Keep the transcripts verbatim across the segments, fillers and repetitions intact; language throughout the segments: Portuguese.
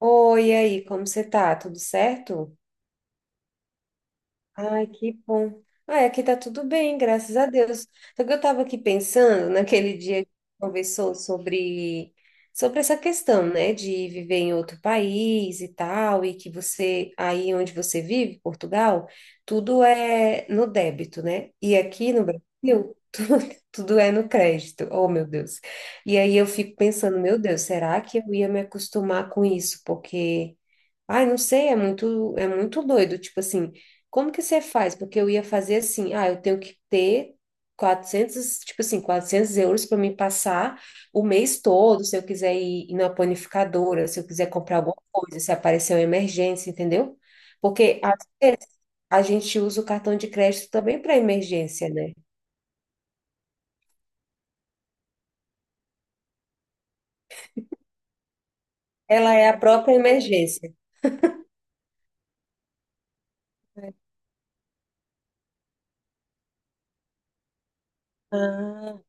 Oi, e aí, como você tá? Tudo certo? Ai, que bom. Ai, aqui tá tudo bem, graças a Deus. Só que eu tava aqui pensando naquele dia que conversou sobre sobre essa questão, né, de viver em outro país e tal, e que você aí onde você vive, Portugal, tudo é no débito, né? E aqui no Brasil, tudo, tudo é no crédito. Oh, meu Deus. E aí eu fico pensando, meu Deus, será que eu ia me acostumar com isso? Porque ai, não sei, é muito, é muito doido. Tipo assim, como que você faz? Porque eu ia fazer assim, ah, eu tenho que ter quatrocentos tipo assim, quatrocentos euros para me passar o mês todo, se eu quiser ir, ir na panificadora, se eu quiser comprar alguma coisa, se aparecer uma emergência, entendeu? Porque às vezes a gente usa o cartão de crédito também para emergência, né? Ela é a própria emergência. Ah,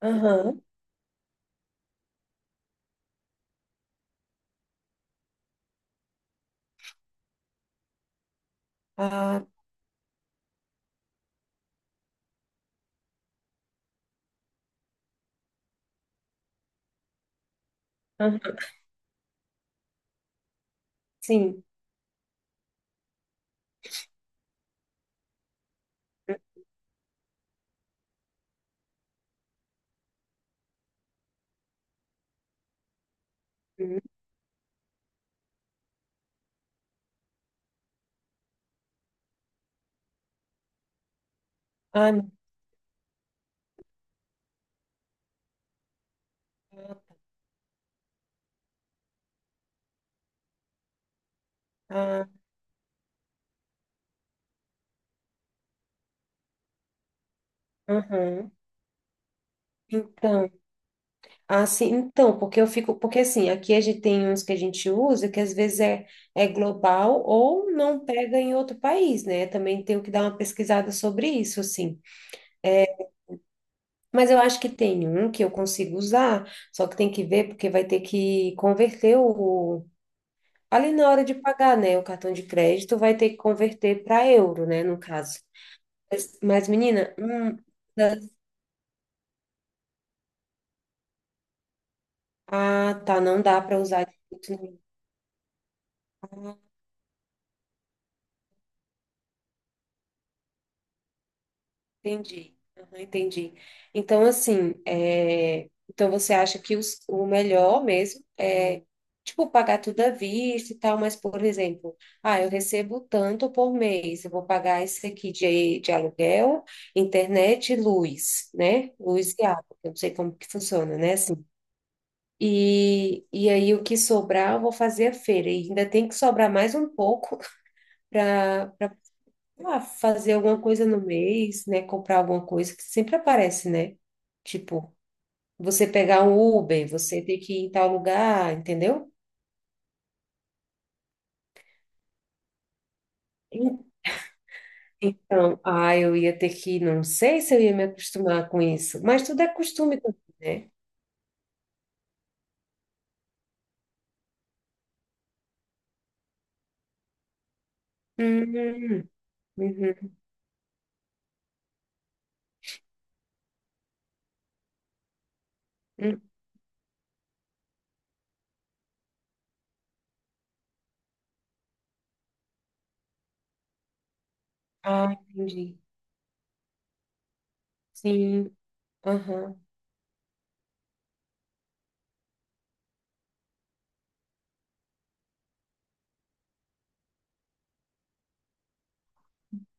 aham, ah, aham, sim. Uhum. Ah, não. Ah. Uhum. Então, assim, então, porque eu fico, porque assim, aqui a gente tem uns que a gente usa que às vezes é, é global ou não pega em outro país, né? Também tenho que dar uma pesquisada sobre isso, assim. Mas eu acho que tem um que eu consigo usar, só que tem que ver porque vai ter que converter o ali na hora de pagar, né? O cartão de crédito vai ter que converter para euro, né? No caso. Mas, mas menina, hum, ah, tá, não dá para usar. Entendi, aham, entendi. Então, assim, é, então você acha que os- o melhor mesmo é, tipo, pagar tudo à vista e tal, mas, por exemplo, ah, eu recebo tanto por mês, eu vou pagar esse aqui de, de aluguel, internet e luz, né? Luz e água, eu não sei como que funciona, né? Assim, e, e aí o que sobrar eu vou fazer a feira, e ainda tem que sobrar mais um pouco para ah, fazer alguma coisa no mês, né? Comprar alguma coisa que sempre aparece, né? Tipo, você pegar um Uber, você ter que ir em tal lugar, entendeu? En- Então, ah, eu ia ter que, não sei se eu ia me acostumar com isso, mas tudo é costume também, né? Uhum, uhum, uhum. Ah, entendi. Sim, aham.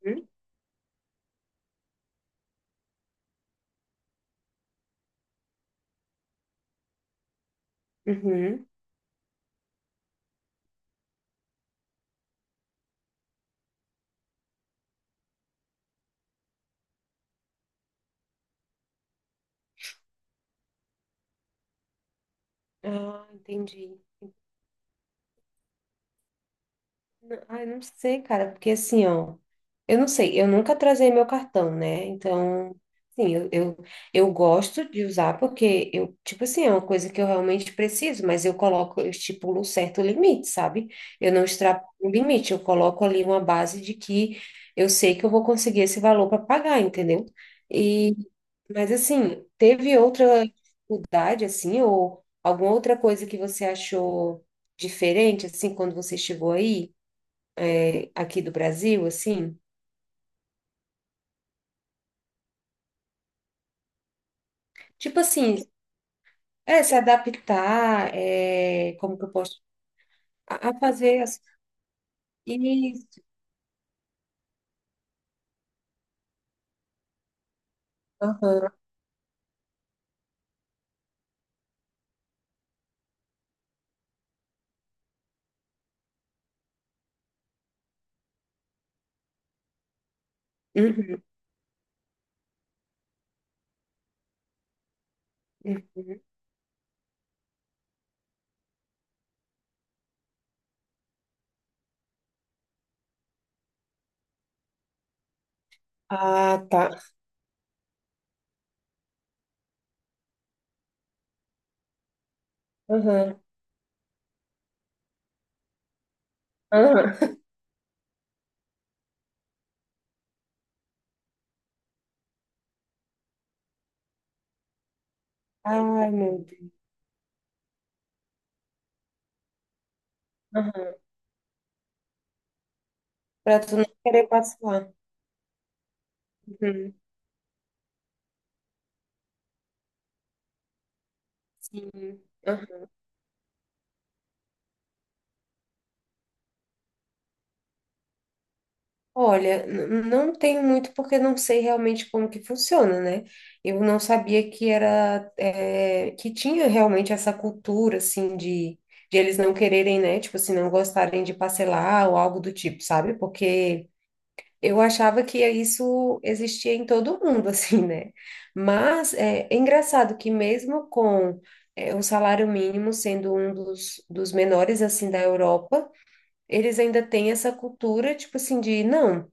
Uhum. Uhum. Ah, entendi. N- Ah, eu não sei, cara, porque assim, ó. Eu não sei, eu nunca trazei meu cartão, né? Então, sim, eu, eu, eu gosto de usar porque eu, tipo assim, é uma coisa que eu realmente preciso, mas eu coloco, eu estipulo um certo limite, sabe? Eu não extrapo o limite, eu coloco ali uma base de que eu sei que eu vou conseguir esse valor para pagar, entendeu? E, mas assim, teve outra dificuldade, assim, ou alguma outra coisa que você achou diferente, assim, quando você chegou aí, eh, aqui do Brasil, assim? Tipo assim, é, se adaptar, é, como que eu posso, a, a fazer as... Isso, aham, uhum, uhum. Ah, tá, aham, aham. Ai, meu Deus, aham. Pra tu não querer passar. Uhum. Sim. Aham. Olha, n- não tenho muito porque não sei realmente como que funciona, né? Eu não sabia que era, é, que tinha realmente essa cultura, assim, de, de, eles não quererem, né? Tipo assim, não gostarem de parcelar ou algo do tipo, sabe? Porque... Eu achava que isso existia em todo mundo, assim, né? Mas é, é, engraçado que mesmo com é, o salário mínimo sendo um dos, dos menores, assim, da Europa, eles ainda têm essa cultura, tipo assim, de não,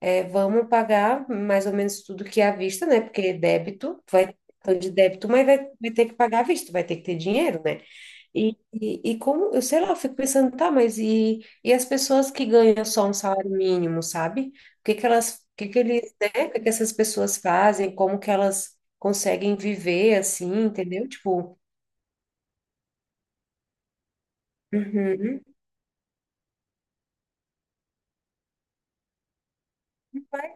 é, vamos pagar mais ou menos tudo que é à vista, né? Porque débito, vai, então de débito, mas vai, vai ter que pagar à vista, vai ter que ter dinheiro, né? E, e, e como, eu sei lá, eu fico pensando, tá, mas e, e as pessoas que ganham só um salário mínimo, sabe? O que que elas, o que que eles, né? O que que essas pessoas fazem? Como que elas conseguem viver assim, entendeu? Tipo, uhum,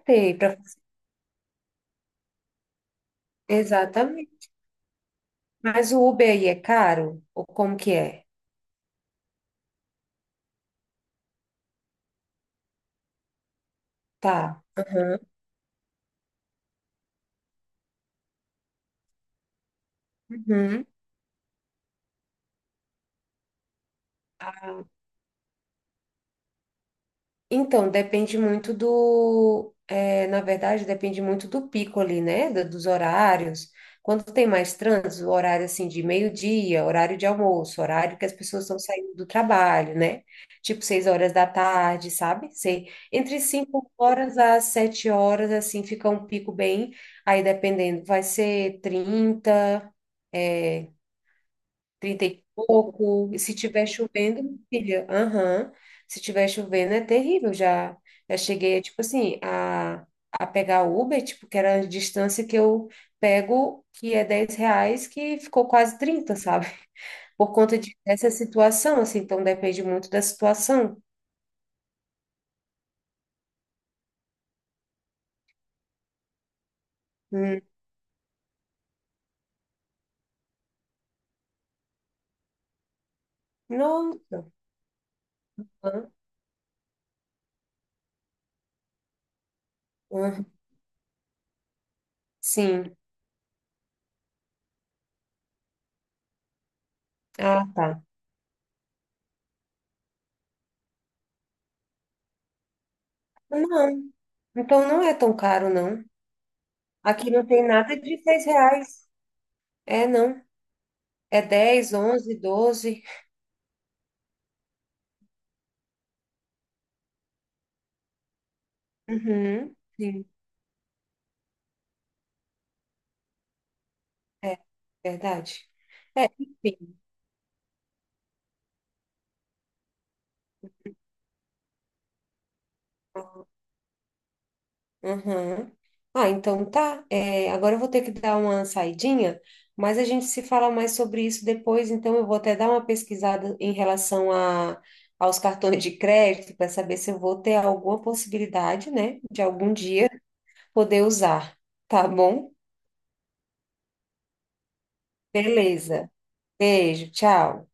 tem pra- exatamente. Mas o Uber aí é caro? Ou como que é? Tá. Uhum, uhum. Então, depende muito do. É, na verdade, depende muito do pico ali, né? do- Dos horários. Quando tem mais trânsito, o horário assim de meio-dia, horário de almoço, horário que as pessoas estão saindo do trabalho, né? Tipo seis horas da tarde, sabe? Sei. Entre cinco horas às sete horas, assim, fica um pico bem. Aí dependendo, vai ser trinta é, trinta e pouco. E se tiver chovendo, filha, aham. Se tiver chovendo é terrível. Já, já cheguei, tipo assim, a, a pegar Uber, tipo, que era a distância que eu pego, que é dez reais, que ficou quase trinta, sabe? Por conta de, dessa situação, assim, então depende muito da situação. Hum. Nossa. Hã? Hã? Sim. Ah, tá. Não, então não é tão caro, não. Aqui não tem nada de seis reais. É, não. É dez, onze, doze. Uhum. Sim, é verdade. Sim. Uhum. Ah, então tá. É, agora eu vou ter que dar uma saidinha, mas a gente se fala mais sobre isso depois. Então eu vou até dar uma pesquisada em relação a, aos cartões de crédito para saber se eu vou ter alguma possibilidade, né, de algum dia poder usar. Tá bom? Beleza. Beijo, tchau.